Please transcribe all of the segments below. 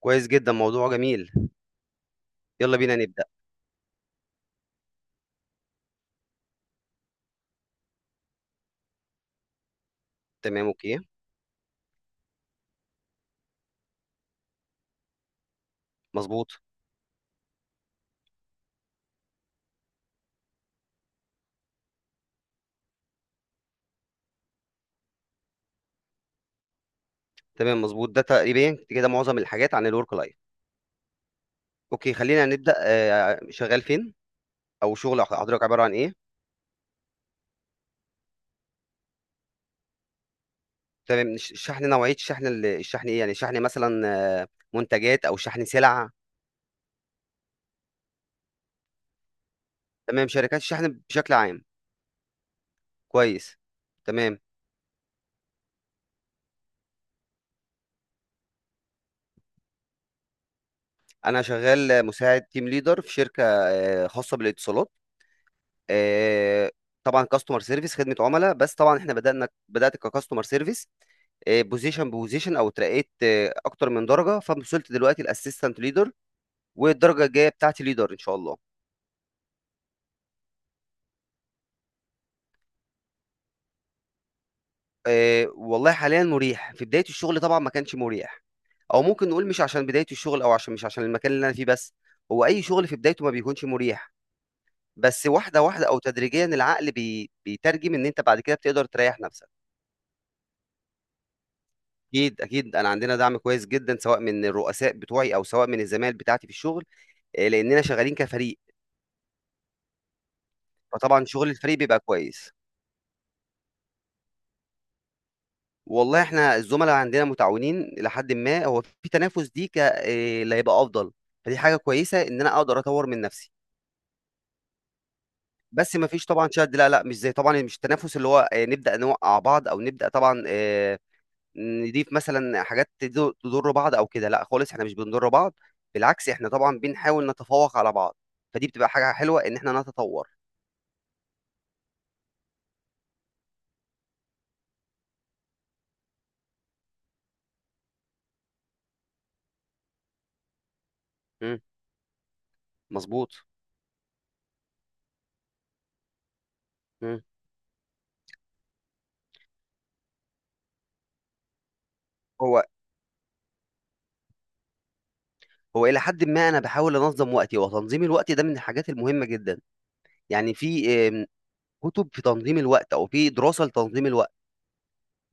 كويس جدًا، موضوع جميل. يالّا بينا نبدأ. تمام، أوكي، مضبوط، تمام، مضبوط. ده تقريبًا كده معظم الحاجات عن الwork life. أوكي، خلّينا نبدأ شغّال فين أو شغل حضرتك عبارة عن إيه؟ تمام، الشحن نوعية الشحن الشحن إيه؟ يعني شحن مثلًا، آه، منتجات أو شحن سلع؟ تمام، شركات الشحن بشكل عام. كويس، تمام. أنا شغّال مساعد team leader في شركة خاصة بالاتصالات. آآ طبعًا customer service خدمة عُملا، بس طبعًا إحنا بدأت كcustomer service بوزيشن، او اترقيت، اكتر من درجه فوصلت دلوقتي الاسيستنت ليدر، والدرجه الجايه بتاعتي ليدر ان شاء الله. والله حاليا مريح، في بدايه الشغل طبعا ما كانش مريح، او ممكن نقول مش عشان بدايه الشغل، او عشان، مش عشان المكان اللي انا فيه بس، هو اي شغل في بدايته ما بيكونش مريح. بس واحده واحده او تدريجيا العقل بيترجم ان انت بعد كده بتقدر تريح نفسك. اكيد اكيد، انا عندنا دعم كويس جدا سواء من الرؤساء بتوعي او سواء من الزمايل بتاعتي في الشغل، لاننا شغالين كفريق، فطبعا شغل الفريق بيبقى كويس. والله احنا الزملاء عندنا متعاونين الى حد ما، هو في تنافس، دي ك إيه اللي هيبقى افضل، فدي حاجه كويسه ان انا اقدر اطور من نفسي. بس ما فيش طبعا شد، لا لا، مش زي طبعا، مش التنافس اللي هو إيه، نبدا نوقع بعض او نبدا طبعا، إيه، نضيف مثلا حاجات تضر بعض او كده، لا خالص، احنا مش بنضر بعض، بالعكس احنا طبعا بنحاول نتفوق على بعض، فدي بتبقى حاجه حلوه ان احنا نتطور. مم، مظبوط. مم. هو هو الى حد ما انا بحاول انظم وقتي، وتنظيم الوقت ده من الحاجات المهمه جدا. يعني في كتب في تنظيم الوقت أو في دراسة لتنظيم الوقت،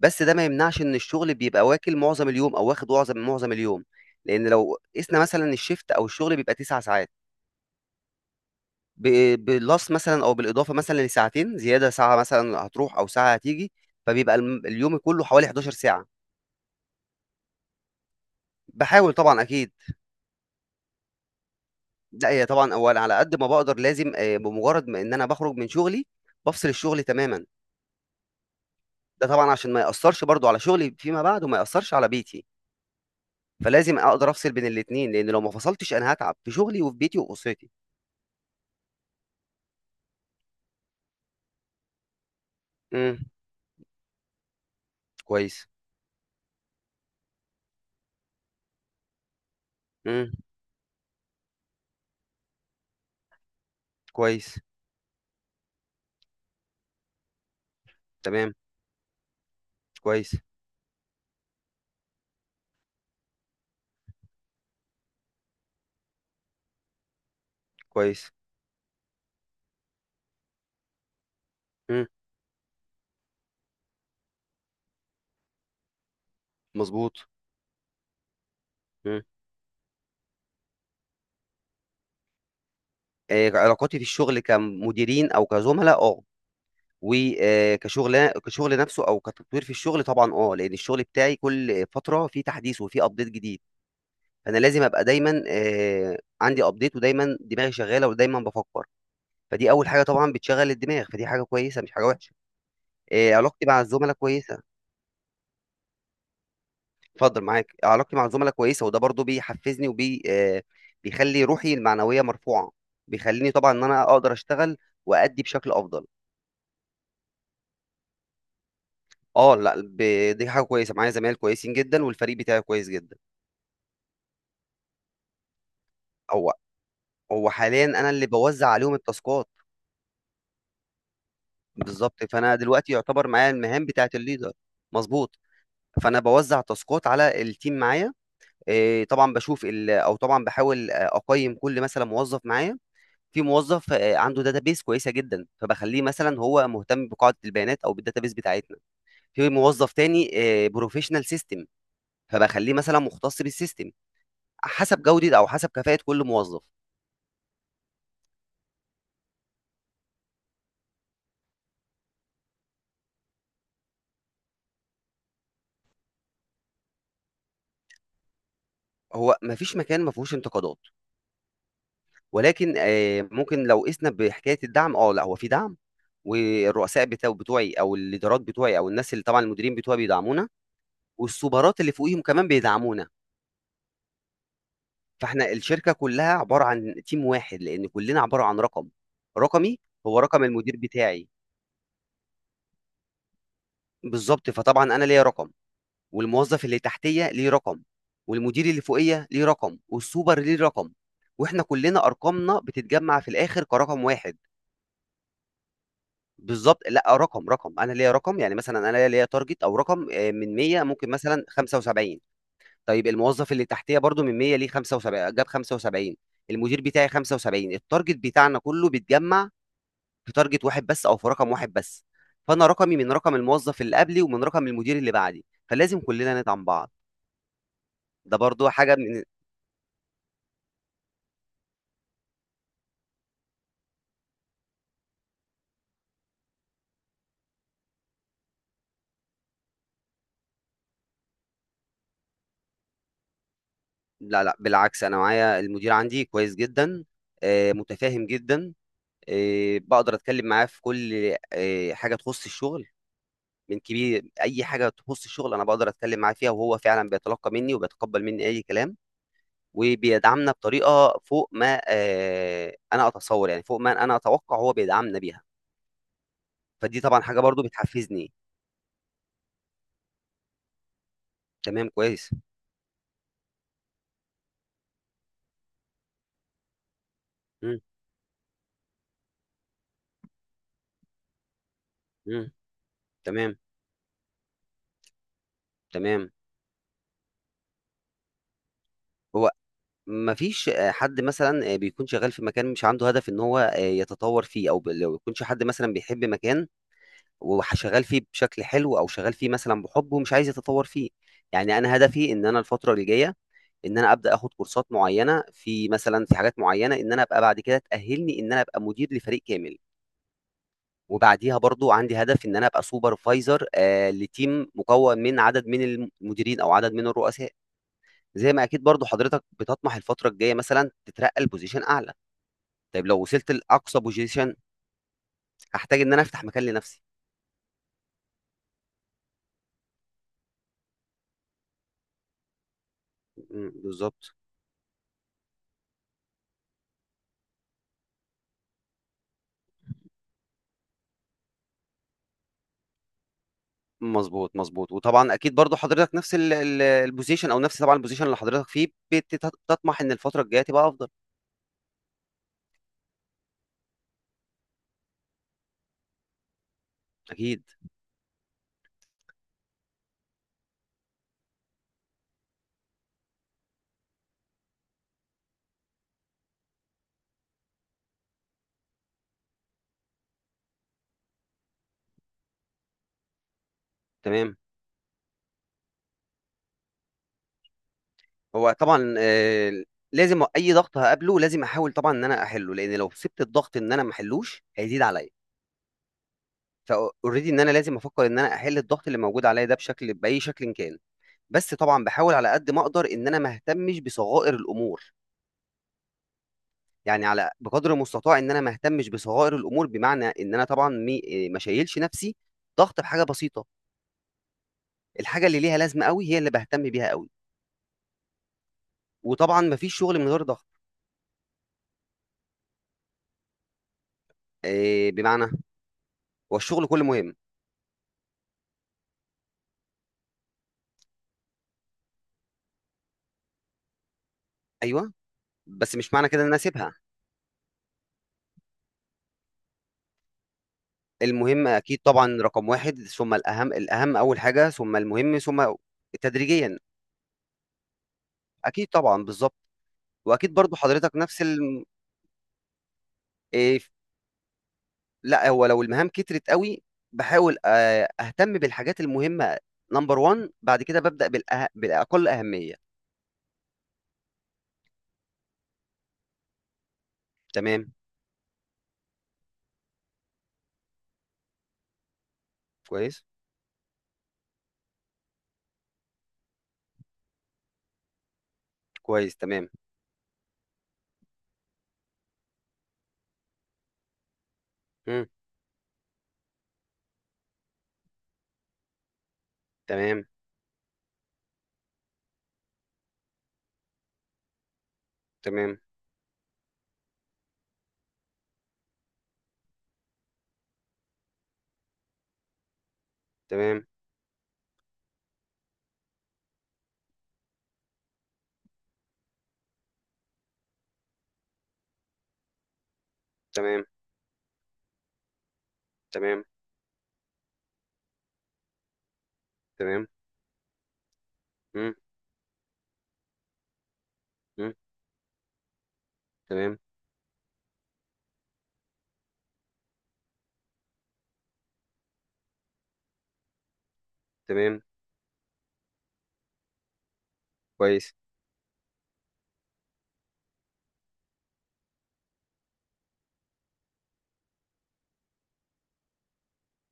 بس ده ما يمنعش إن الشغل بيبقى واكل معظم اليوم، أو واخد معظم اليوم، لأن لو قِسنا مثلًا الشيفت أو الشغل بيبقى 9 ساعات، ب بالplus مثلًا أو بالإضافة مثلًا لساعتين زيادة، ساعة مثلًا هتروح أو ساعة هتيجي، فبيبقى اليوم كله حوالي 11 ساعة. باحاول طبعًا أكيد. لأ، هي طبعًا هو أنا على قد ما باقدر لازم، بمجرد ما إن أنا باخرج من شغلي، بافصل الشغل تمامًا، ده طبعًا عشان ما يأثّرش برضه على شغلي فيما بعد وما يأثّرش على بيتي. فلازم اقدر افصل بين الاثنين، لان لو ما فصلتش انا هتعب في شغلي وفي بيتي واسرتي. امم. كويس. امم. كويس. تمام. كويس. كويس. امم. مظبوط. امم. علاقاتي في الشغل كمديرين او كزملاء، وكشغل كشغل نفسه، او كتطوير في الشغل طبعا، لان الشغل بتاعي كل فتره فيه تحديث وفيه ابديت جديد، فانا لازم ابقى دايما عندي ابديت، ودايما دماغي شغاله، ودايما بفكر، فدي اول حاجه طبعا بتشغل الدماغ، فدي حاجه كويسه مش حاجه وحشه. علاقتي مع الزملاء كويسه. اتفضل معاك. علاقتي مع الزملاء كويسه، وده برضو بيحفزني وبي آه، بيخلي روحي المعنويه مرفوعه، بيخليني طبعا ان انا اقدر اشتغل، وادي بشكل افضل. اه، لا، دي حاجه كويسه، معايا زمايل كويسين جدا، والفريق بتاعي كويس جدا. هو هو حاليا انا اللي بوزع عليهم التاسكات. بالظبط، فانا دلوقتي يعتبر معايا المهام بتاعه الليدر. مظبوط. فانا بوزع تاسكات على التيم معايا، إيه، طبعا بشوف او طبعا بحاول، اقيم كل مثلا موظف معايا. في موظف، عنده داتابيس كويسه جدا، فبخليه مثلا هو مهتم بقاعده البيانات او بالداتابيس بتاعتنا. في موظف تاني بروفيشنال سيستم، فبخليه مثلا مختص بالسيستم، حسب جوده او حسب كفاءه كل موظف. هو ما فيش مكان ما فيهوش انتقادات، ولكن، ممكن لو قسنا بحكايه الدعم، اه، لا، هو في دعم، والرؤساء بتوعي، او الادارات بتوعي، او الناس اللي طبعا المديرين بتوعي بيدعمونا، والسوبرات اللي فوقيهم كمان بيدعمونا، فاحنا الشركه كلها عباره عن تيم واحد، لان كلنا عباره عن رقم. رقمي هو رقم المدير بتاعي. بالظبط، فطبعا انا ليا رقم، والموظف اللي تحتيه ليه رقم، والمدير اللي فوقيه ليه رقم، والسوبر ليه رقم، واحنا كلنا ارقامنا بتتجمع في الاخر كرقم واحد. بالظبط، لا، رقم، انا ليا رقم، يعني مثلا انا ليا تارجت او رقم، من 100 ممكن مثلا 75. طيب الموظف اللي تحتيه برضو من 100 ليه 75، جاب 75. المدير بتاعي 75، التارجت بتاعنا كله بيتجمع في تارجت واحد بس، او في رقم واحد بس. فانا رقمي من رقم الموظف اللي قبلي، ومن رقم المدير اللي بعدي، فلازم كلنا ندعم بعض. ده برضو حاجه من. لا لا، بالعكس، انا معايا المدير عندي كويس جدا، متفاهم جدا، بقدر اتكلم معاه في كل، حاجه تخص الشغل، من كبير، اي حاجه تخص الشغل انا بقدر اتكلم معاه فيها، وهو فعلا بيتلقى مني وبيتقبل مني اي كلام، وبيدعمنا بطريقه فوق ما، انا اتصور، يعني فوق ما انا اتوقع هو بيدعمنا بيها، فدي طبعا حاجه برضو بتحفزني. تمام، كويس. مم. مم. تمام، تمام. هو مفيش، حد مثلا، بيكون شغال في مكان مش عنده هدف ان هو، يتطور فيه، او لو يكونش حد مثلا بيحب مكان وشغال فيه بشكل حلو، او شغال فيه مثلا بحب ومش عايز يتطور فيه. يعني انا هدفي ان انا الفتره اللي جايه، ان انا ابدا اخد كورسات معينه في حاجات معينه، ان انا ابقى بعد كده تاهلني ان انا ابقى مدير لفريق كامل، وبعديها برضو عندي هدف ان انا ابقى سوبرفايزر، لتيم مكون من عدد من المديرين او عدد من الرؤساء. زي ما اكيد برضو حضرتك بتطمح الفتره الجايه مثلا تترقى لبوزيشن اعلى، طيب لو وصلت لاقصى بوزيشن هحتاج ان انا افتح مكان لنفسي. بالظبط. مظبوط مظبوط، وطبعا اكيد برضو حضرتك نفس البوزيشن، او نفس طبعا البوزيشن اللي حضرتك فيه، بتطمح ان الفتره الجايه تبقى افضل. اكيد. تمام. هو طبعا، لازم اي ضغط هقابله لازم احاول طبعا ان انا احله، لان لو سبت الضغط ان انا ما احلوش هيزيد عليا، فاوريدي ان انا لازم افكر ان انا احل الضغط اللي موجود عليا ده بشكل، باي شكل كان. بس طبعا بحاول على قد ما اقدر ان انا ما اهتمش بصغائر الامور، يعني على بقدر المستطاع ان انا ما اهتمش بصغائر الامور، بمعنى ان انا طبعا مي- إيه، ما شايلش نفسي ضغط بحاجه بسيطه، الحاجه اللي ليها لازمه قوي هي اللي بهتم بيها قوي، وطبعا ما فيش شغل من غير ضغط. إيه، بمعنى، هو الشغل كله مهم. ايوه، بس مش معنى كده ان انا اسيبها. المهم اكيد طبعا رقم واحد ثم الاهم، الاهم اول حاجه، ثم المهم، ثم تدريجيا. اكيد طبعا بالظبط. واكيد برضو حضرتك نفس ال... إيه، لا، هو لو المهام كترت قوي، بحاول، اهتم بالحاجات المهمه نمبر 1، بعد كده ببدا بالاقل اهميه. تمام، كويس. كويس. تمام. مم. تمام، تمام. تمام، تمام، تمام، تمام. مم. مم. تمام، تمام. كويس.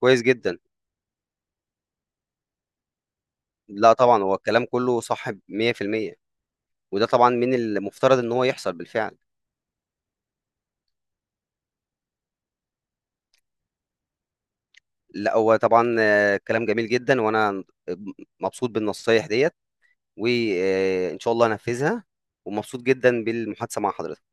كويس جدا. لا، طبعا هو الكلام كله صح 100%، وده طبعا من المفترض ان هو يحصل بالفعل. لا، هو طبعا، كلام جميل جدا، وانا مبسوط بالنصايح ديت، وان شاء الله انفذها، ومبسوط جدا بالمحادثه مع حضرتك.